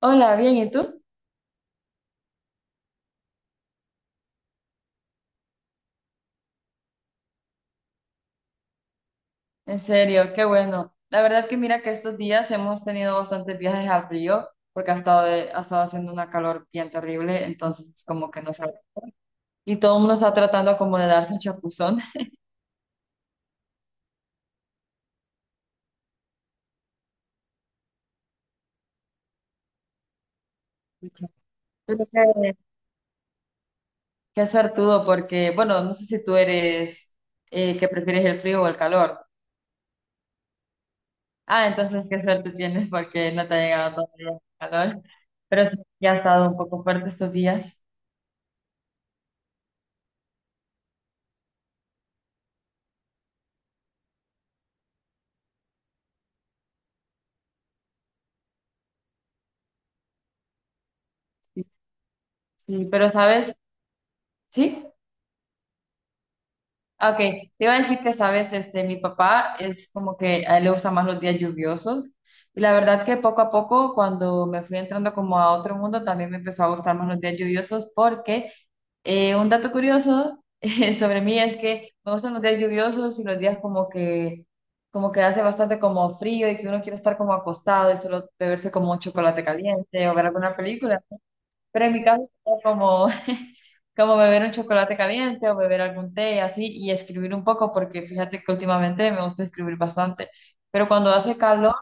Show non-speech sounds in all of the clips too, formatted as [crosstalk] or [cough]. Hola, bien, ¿y tú? En serio, qué bueno. La verdad que mira que estos días hemos tenido bastantes viajes al frío porque ha estado, ha estado haciendo una calor bien terrible, entonces es como que no sabe. Y todo el mundo está tratando como de darse un chapuzón. [laughs] Pero qué, qué suertudo porque, bueno, no sé si tú eres que prefieres el frío o el calor. Ah, entonces qué suerte tienes porque no te ha llegado todavía el calor. Pero sí, ya ha estado un poco fuerte estos días. Sí, sí, pero ¿sabes? Sí. Ok, te iba a decir que, sabes, este, mi papá es como que a él le gustan más los días lluviosos. Y la verdad que poco a poco, cuando me fui entrando como a otro mundo, también me empezó a gustar más los días lluviosos porque un dato curioso [laughs] sobre mí es que me gustan los días lluviosos y los días como que hace bastante como frío y que uno quiere estar como acostado y solo beberse como un chocolate caliente o ver alguna película. Pero en mi caso, es como, [laughs] como beber un chocolate caliente o beber algún té y así, y escribir un poco, porque fíjate que últimamente me gusta escribir bastante. Pero cuando hace calor,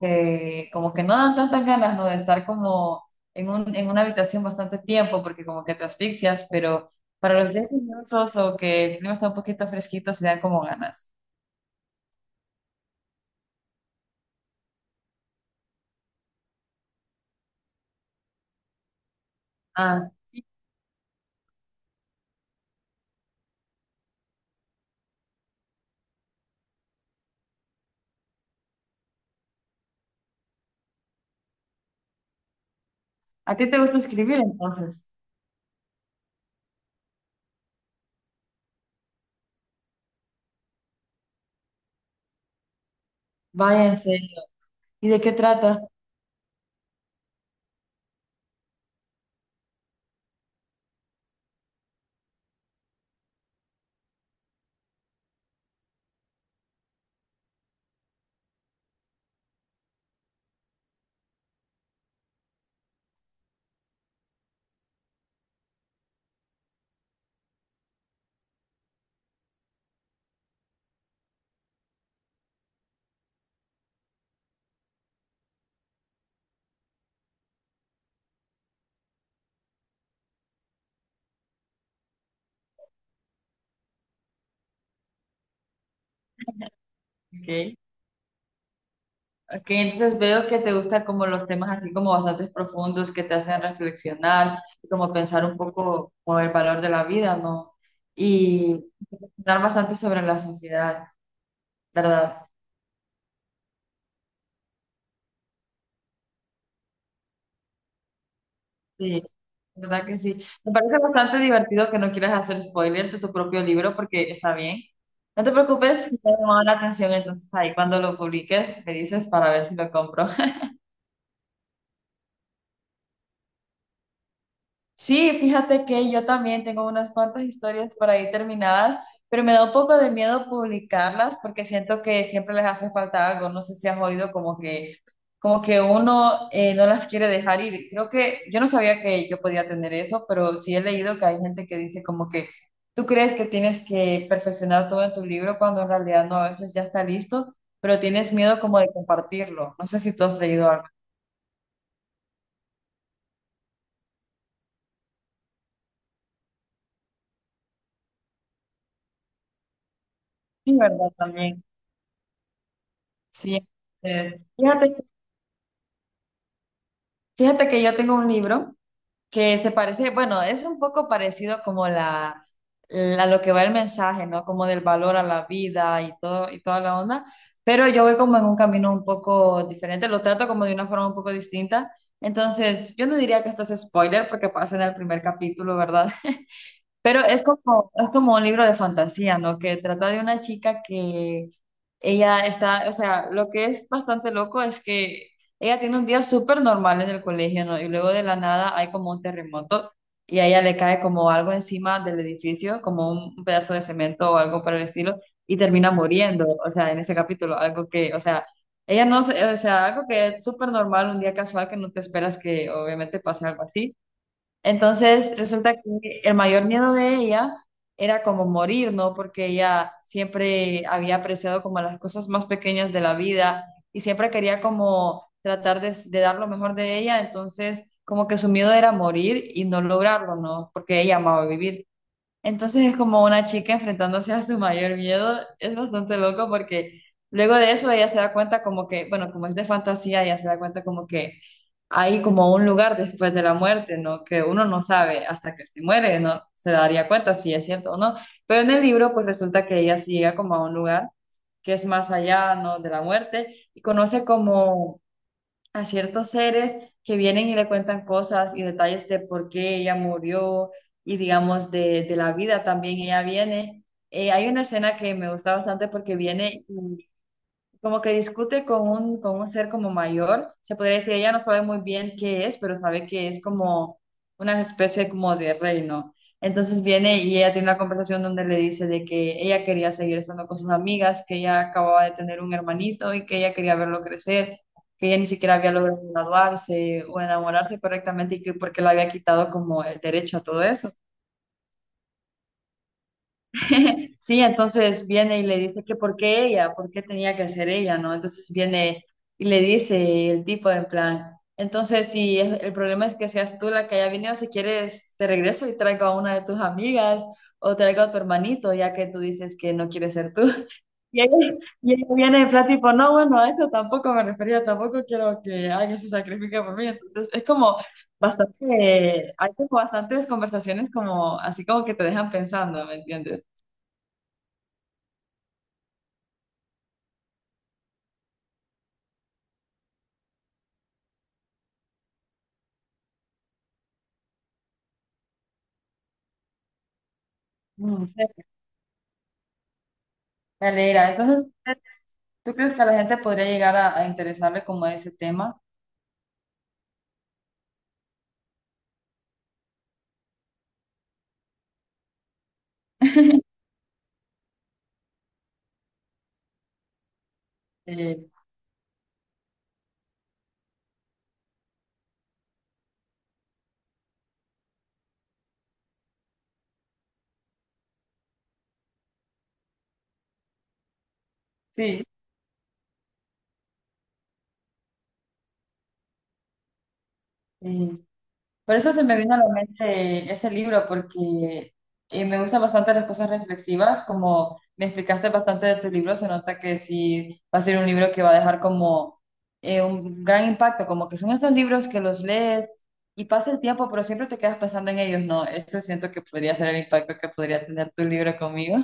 como que no dan tantas ganas, ¿no? De estar como en una habitación bastante tiempo, porque como que te asfixias, pero para los días lluviosos o que el clima está un poquito fresquito, se dan como ganas. Ah, ¿a ti te gusta escribir entonces? Váyanse. ¿Y de qué trata? Ok. Ok, entonces veo que te gustan como los temas así como bastante profundos que te hacen reflexionar y como pensar un poco como el valor de la vida, ¿no? Y reflexionar bastante sobre la sociedad, ¿verdad? Sí, ¿verdad que sí? Me parece bastante divertido que no quieras hacer spoiler de tu propio libro porque está bien. No te preocupes, si te ha llamado la atención, entonces ahí cuando lo publiques me dices para ver si lo compro. Sí, fíjate que yo también tengo unas cuantas historias por ahí terminadas, pero me da un poco de miedo publicarlas porque siento que siempre les hace falta algo. No sé si has oído como que uno no las quiere dejar ir. Creo que yo no sabía que yo podía tener eso, pero sí he leído que hay gente que dice como que tú crees que tienes que perfeccionar todo en tu libro cuando en realidad no, a veces ya está listo, pero tienes miedo como de compartirlo. No sé si tú has leído algo. Sí, ¿verdad? También. Sí. Entonces, fíjate que yo tengo un libro que se parece, bueno, es un poco parecido como la, lo que va el mensaje, ¿no? Como del valor a la vida y todo y toda la onda, pero yo voy como en un camino un poco diferente, lo trato como de una forma un poco distinta. Entonces, yo no diría que esto es spoiler porque pasa en el primer capítulo, ¿verdad? Pero es como un libro de fantasía, ¿no? Que trata de una chica que ella está, o sea, lo que es bastante loco es que ella tiene un día súper normal en el colegio, ¿no? Y luego de la nada hay como un terremoto y a ella le cae como algo encima del edificio, como un pedazo de cemento o algo por el estilo, y termina muriendo, o sea, en ese capítulo, algo que, o sea, ella no, o sea, algo que es súper normal, un día casual que no te esperas que obviamente pase algo así. Entonces, resulta que el mayor miedo de ella era como morir, ¿no? Porque ella siempre había apreciado como las cosas más pequeñas de la vida y siempre quería como tratar de dar lo mejor de ella. Entonces, como que su miedo era morir y no lograrlo, ¿no? Porque ella amaba vivir. Entonces es como una chica enfrentándose a su mayor miedo. Es bastante loco porque luego de eso ella se da cuenta como que, bueno, como es de fantasía, ella se da cuenta como que hay como un lugar después de la muerte, ¿no? Que uno no sabe hasta que se muere, ¿no? Se daría cuenta si es cierto o no. Pero en el libro pues resulta que ella sí llega como a un lugar que es más allá, ¿no? De la muerte y conoce como a ciertos seres que vienen y le cuentan cosas y detalles de por qué ella murió y digamos de la vida también ella viene. Hay una escena que me gusta bastante porque viene como que discute con un ser como mayor, se podría decir, ella no sabe muy bien qué es, pero sabe que es como una especie como de reino. Entonces viene y ella tiene una conversación donde le dice de que ella quería seguir estando con sus amigas, que ella acababa de tener un hermanito y que ella quería verlo crecer, que ella ni siquiera había logrado graduarse o enamorarse correctamente y que porque le había quitado como el derecho a todo eso. Sí, entonces viene y le dice que por qué ella, por qué tenía que ser ella, ¿no? Entonces viene y le dice el tipo en plan, entonces si el problema es que seas tú la que haya venido, si quieres te regreso y traigo a una de tus amigas o traigo a tu hermanito, ya que tú dices que no quieres ser tú. [laughs] Y ella, y ella viene en plan tipo, no, bueno, a eso tampoco me refería, tampoco quiero que alguien se sacrifique por mí. Entonces es como bastante, hay como bastantes conversaciones como así como que te dejan pensando, ¿me entiendes? Me alegra. Entonces, ¿tú crees que a la gente podría llegar a interesarle como ese tema? Eh, sí. eh, por eso se me vino a la mente ese libro, porque me gustan bastante las cosas reflexivas, como me explicaste bastante de tu libro, se nota que sí va a ser un libro que va a dejar como un gran impacto, como que son esos libros que los lees y pasa el tiempo, pero siempre te quedas pensando en ellos, no, esto siento que podría ser el impacto que podría tener tu libro conmigo.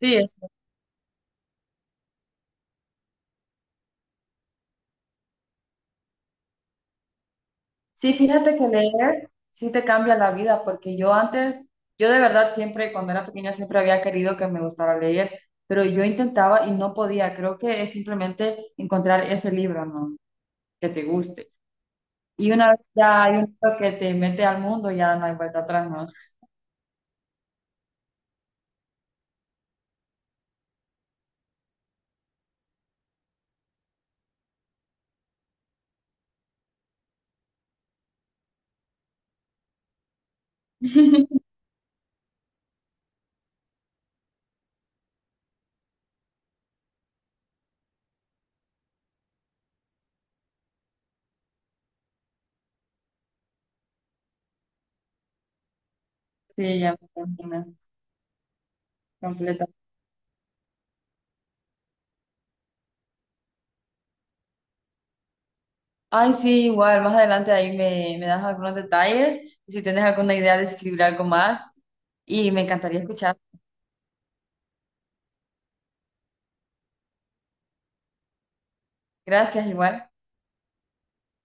Sí, Sí, fíjate que leer sí te cambia la vida, porque yo antes, yo de verdad siempre, cuando era pequeña, siempre había querido que me gustara leer, pero yo intentaba y no podía. Creo que es simplemente encontrar ese libro, ¿no? Que te guste. Y una vez ya hay un libro que te mete al mundo, ya no hay vuelta atrás, ¿no? Sí, ya me imagino, completa. Ay, sí, igual, más adelante ahí me, me das algunos detalles, y si tienes alguna idea de escribir algo más, y me encantaría escuchar. Gracias, igual.